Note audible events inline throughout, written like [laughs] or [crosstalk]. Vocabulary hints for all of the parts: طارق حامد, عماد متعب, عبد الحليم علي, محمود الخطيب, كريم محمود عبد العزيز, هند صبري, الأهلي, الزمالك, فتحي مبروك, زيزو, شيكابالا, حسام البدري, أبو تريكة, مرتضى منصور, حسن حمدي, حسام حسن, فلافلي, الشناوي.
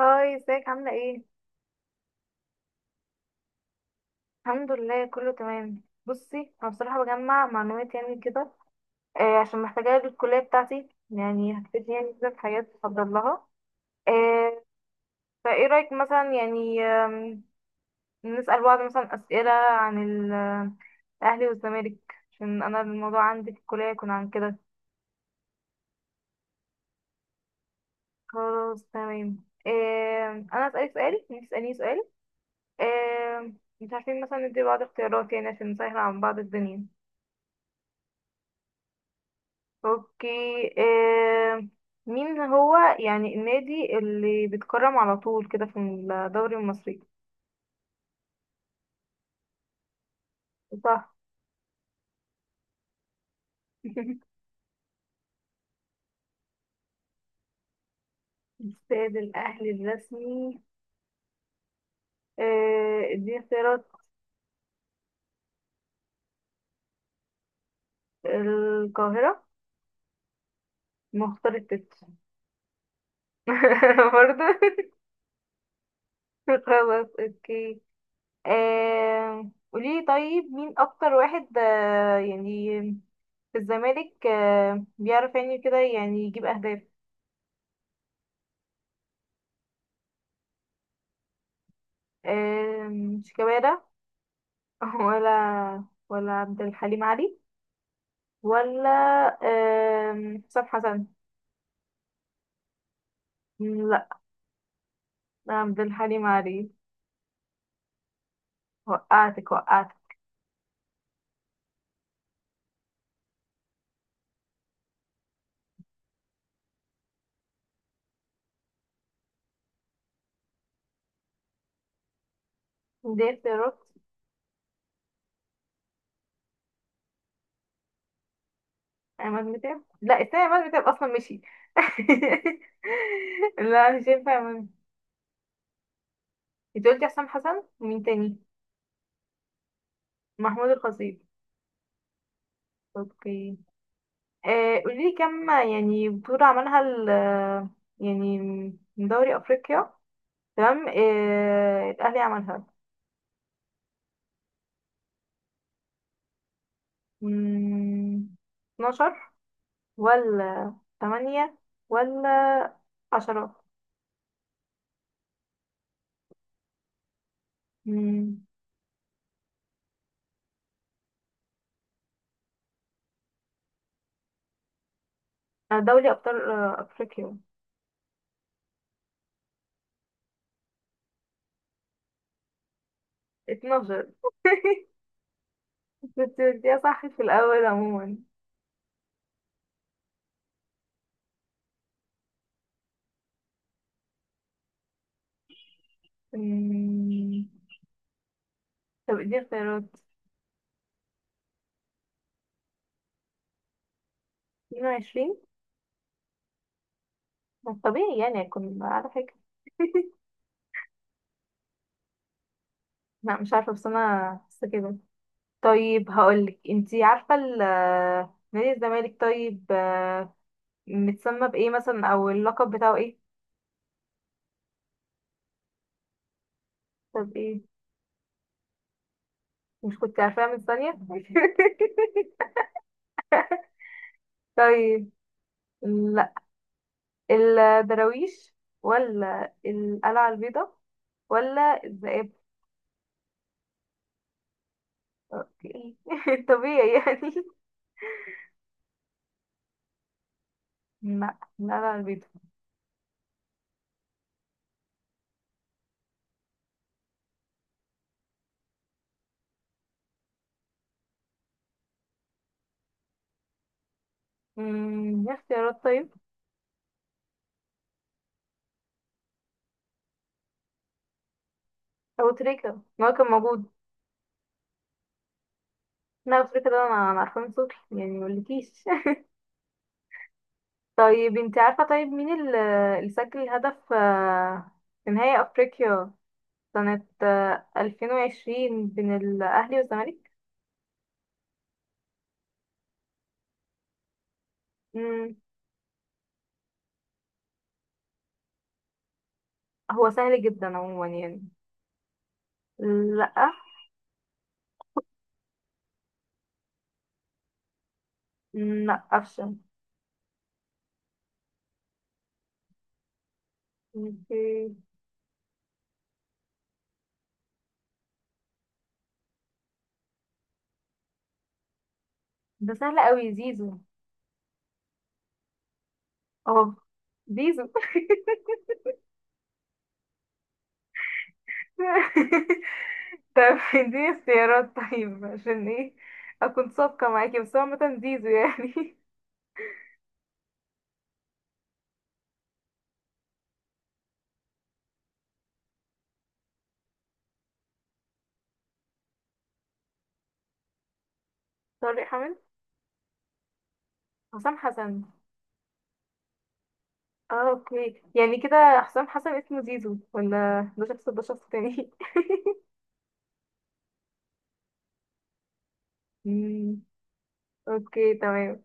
هاي، ازيك عاملة ايه؟ الحمد لله، كله تمام. بصي، انا بصراحة بجمع معلومات يعني كده. عشان محتاجاها للكلية بتاعتي، يعني هتفيدني يعني كده، في حاجات بفضل لها. آه فايه رأيك مثلا يعني، نسأل بعض مثلا أسئلة عن ال- الأهلي والزمالك، عشان أنا الموضوع عندي في الكلية يكون عن كده. خلاص، تمام. أنا أسألك سؤال، انتي تسأليني سؤال. مش عارفين مثلا ندي بعض اختيارات يعني عشان نسهل عن بعض الدنيا. اوكي. آه. مين هو يعني النادي اللي بيتكرم على طول كده في الدوري المصري؟ صح. [laughs] استاد الاهلي الرسمي. دي اختيارات. القاهرة. مختار التت. [laughs] برضه. [laughs] خلاص، اوكي. قولي طيب، مين اكتر واحد يعني في الزمالك بيعرف يعني كده يعني يجيب اهداف؟ شيكابالا. ولا عبد الحليم علي. ولا حسام حسن. لا، عبد الحليم علي. وقعتك وقعتك. دي اختيارات. عماد متعب. لا، التاني عماد متعب اصلا مشي. [laughs] لا، مش ينفع عماد. انت قلتي حسام حسن ومين تاني؟ محمود الخطيب. اوكي. قولي لي كم يعني بطولة عملها ال، يعني من دوري افريقيا، تمام، الاهلي عملها؟ مم، 12 ولا تمانية ولا 10؟ مم. أنا دولي أبطال أفريقيا. 12. [laughs] كنت بديها صح في الأول عموما. مم. طب اديني اختيارات. 22. ما طبيعي يعني أكون على فكرة. [laughs] لا، مش عارفة، بس أنا بس كده. طيب، هقولك انتي عارفة نادي الزمالك طيب، متسمى بإيه مثلا أو اللقب بتاعه إيه؟ طب إيه؟ مش كنت عارفاها من ثانية؟ [laughs] طيب، لا، الدراويش ولا القلعة البيضاء ولا الذئاب؟ اوكي. [laughs] طبيعي يعني. لا، القلعة البيضاء. ايه اختيارات طيب؟ أبو تريكة، ما هو كان موجود. لا، أبو تريكة ده أنا عارفاه من صوتي يعني مقولكيش. [laughs] طيب، انت عارفة طيب مين اللي سجل هدف في نهائي أفريقيا سنة 2020 بين الأهلي والزمالك؟ مم، هو سهل جدا عموما يعني. لأ. لا، افشل. اوكي. ده سهل قوي، زيزو. اه زيزو. [laughs] طب اديني اختيارات طيب، عشان ايه اكون صادقة معاكي، بس هو عامة زيزو يعني. [laughs] طارق حامد. حسام حسن. اه اوكي، يعني كده حسام حسن اسمه زيزو، ولا ده شخص تاني؟ [laughs] مم، اوكي، تمام.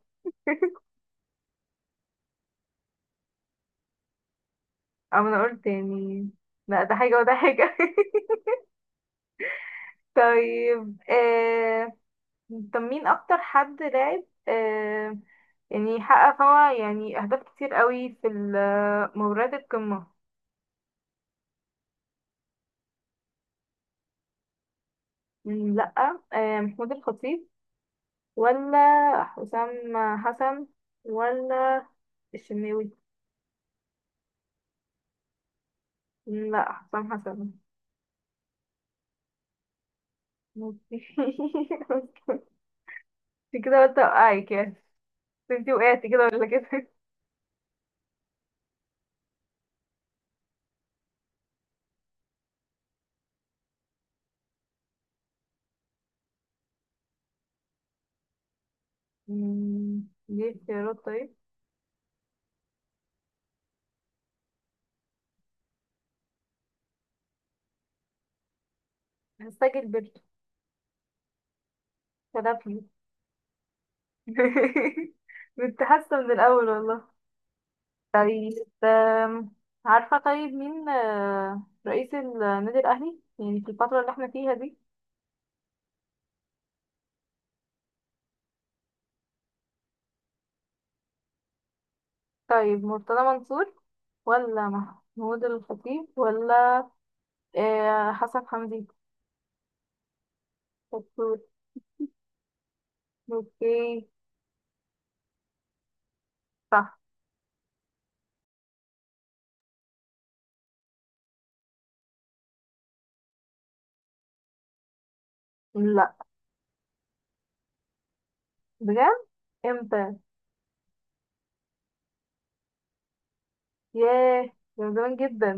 أو انا قلت يعني. لا، ده حاجة وده حاجة. [laughs] طيب، طب مين اكتر حد لعب، يعني حقق هو يعني اهداف كتير قوي في مباريات القمة؟ لا. محمود الخطيب، ولا حسام حسن، ولا الشناوي؟ لا، حسام حسن. ماشي. [laughs] انت كده قلت اوقعك يعني، بس انت وقعتي كده ولا كده. ليه اختيارات طيب؟ هستعجل برضه. فلافلي. [laughs] كنت حاسة من الأول والله. طيب، آم، عارفة طيب مين رئيس النادي الأهلي يعني في الفترة اللي احنا فيها دي؟ طيب، مرتضى منصور ولا محمود الخطيب ولا حسن حمدي؟ شطور. اوكي. صح. لا. بجد؟ امتى؟ ياه، ده من زمان جدا.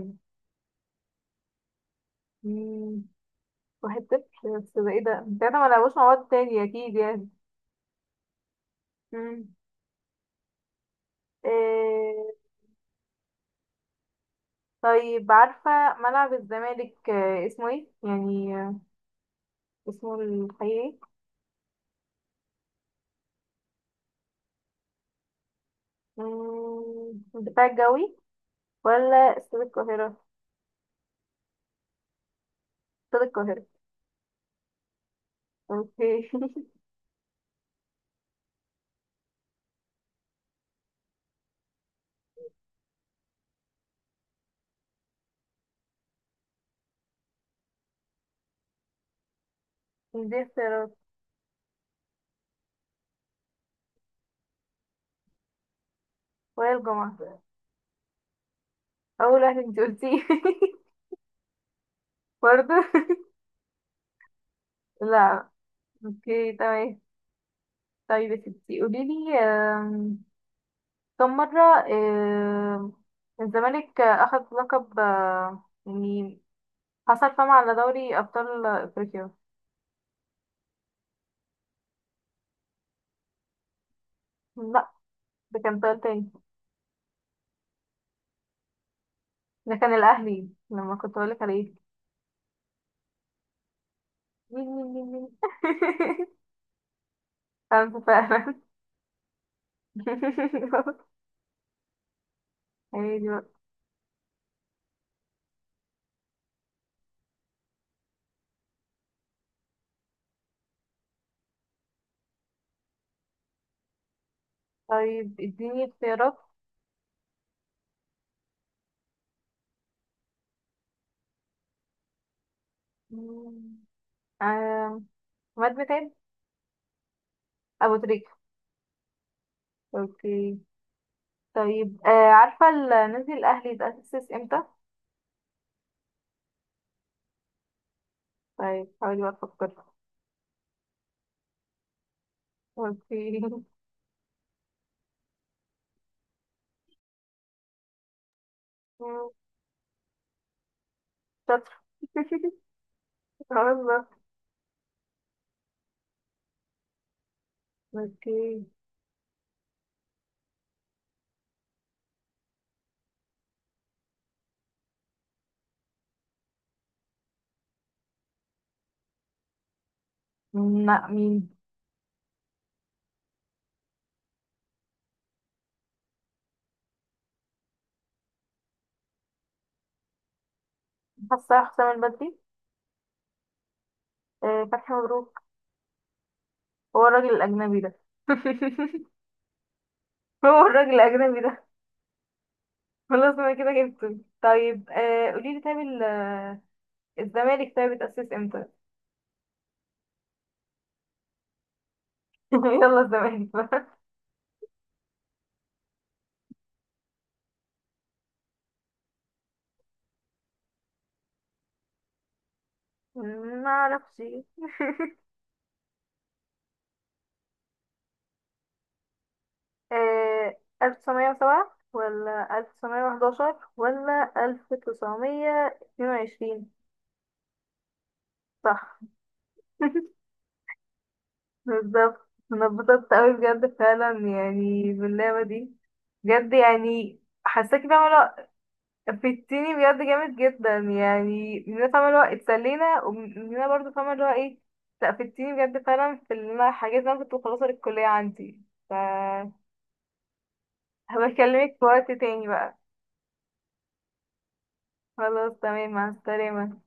مم، 1-0؟ بس ده ايه، ده انت ما لعبوش مع بعض تاني اكيد يعني. مم. آه، طيب، عارفة ملعب الزمالك اسمه ايه يعني، اسمه الحقيقي؟ الدفاع الجوي ولا استاد القاهرة؟ استاد القاهرة. اوكي. [laughs] دي اختيارات. وهي الجمعة. أول واحد انتي قلتيه. [laughs] برضه. لا. اوكي، تمام. طيب يا ستي قوليلي، كم مرة، آم، الزمالك أخذ لقب، يعني حصل فم على دوري أبطال أفريقيا؟ لا، ده كان سؤال تاني. ده كان الأهلي لما كنت بقولك عليه. [laughs] مين مين مين مين. [laughs] خمسة فعلا. [laughs] عادي بقى. طيب، اديني اختيارات. مم. آم، عماد متعب. أبو تريكة. اوكي. طيب، عارفة نادي الأهلي اتأسس امتى؟ طيب حاولي بقى تفكري. اوكي. [laughs] مم، شاطرة. [laughs] والله. اوكي. لا، مين؟ حاسة حسام البدري. فتحي مبروك. هو الراجل الأجنبي ده. [laughs] هو الراجل الأجنبي ده. خلاص، أنا كده جبته. طيب، قوليلي طيب، الزمالك طيب اتأسس امتى؟ [laughs] يلا، الزمالك بقى. ما اعرفش. [laughs] آه، 1907 ولا 1911 ولا 1922؟ صح. [laughs] بالظبط، انا اتبسطت قوي بجد فعلا يعني باللعبة دي، بجد يعني حاساكي فاهمة. فدتيني بجد جامد جدا، يعني مننا فاهمة اللي هو اتسلينا، ومننا برضه فاهمة اللي هو ايه. لا، فدتيني بجد فعلا في اللي انا حاجات اللي انا كنت مخلصة للكلية عندي، ف هبكلمك في وقت تاني بقى. خلاص، تمام. مع السلامة.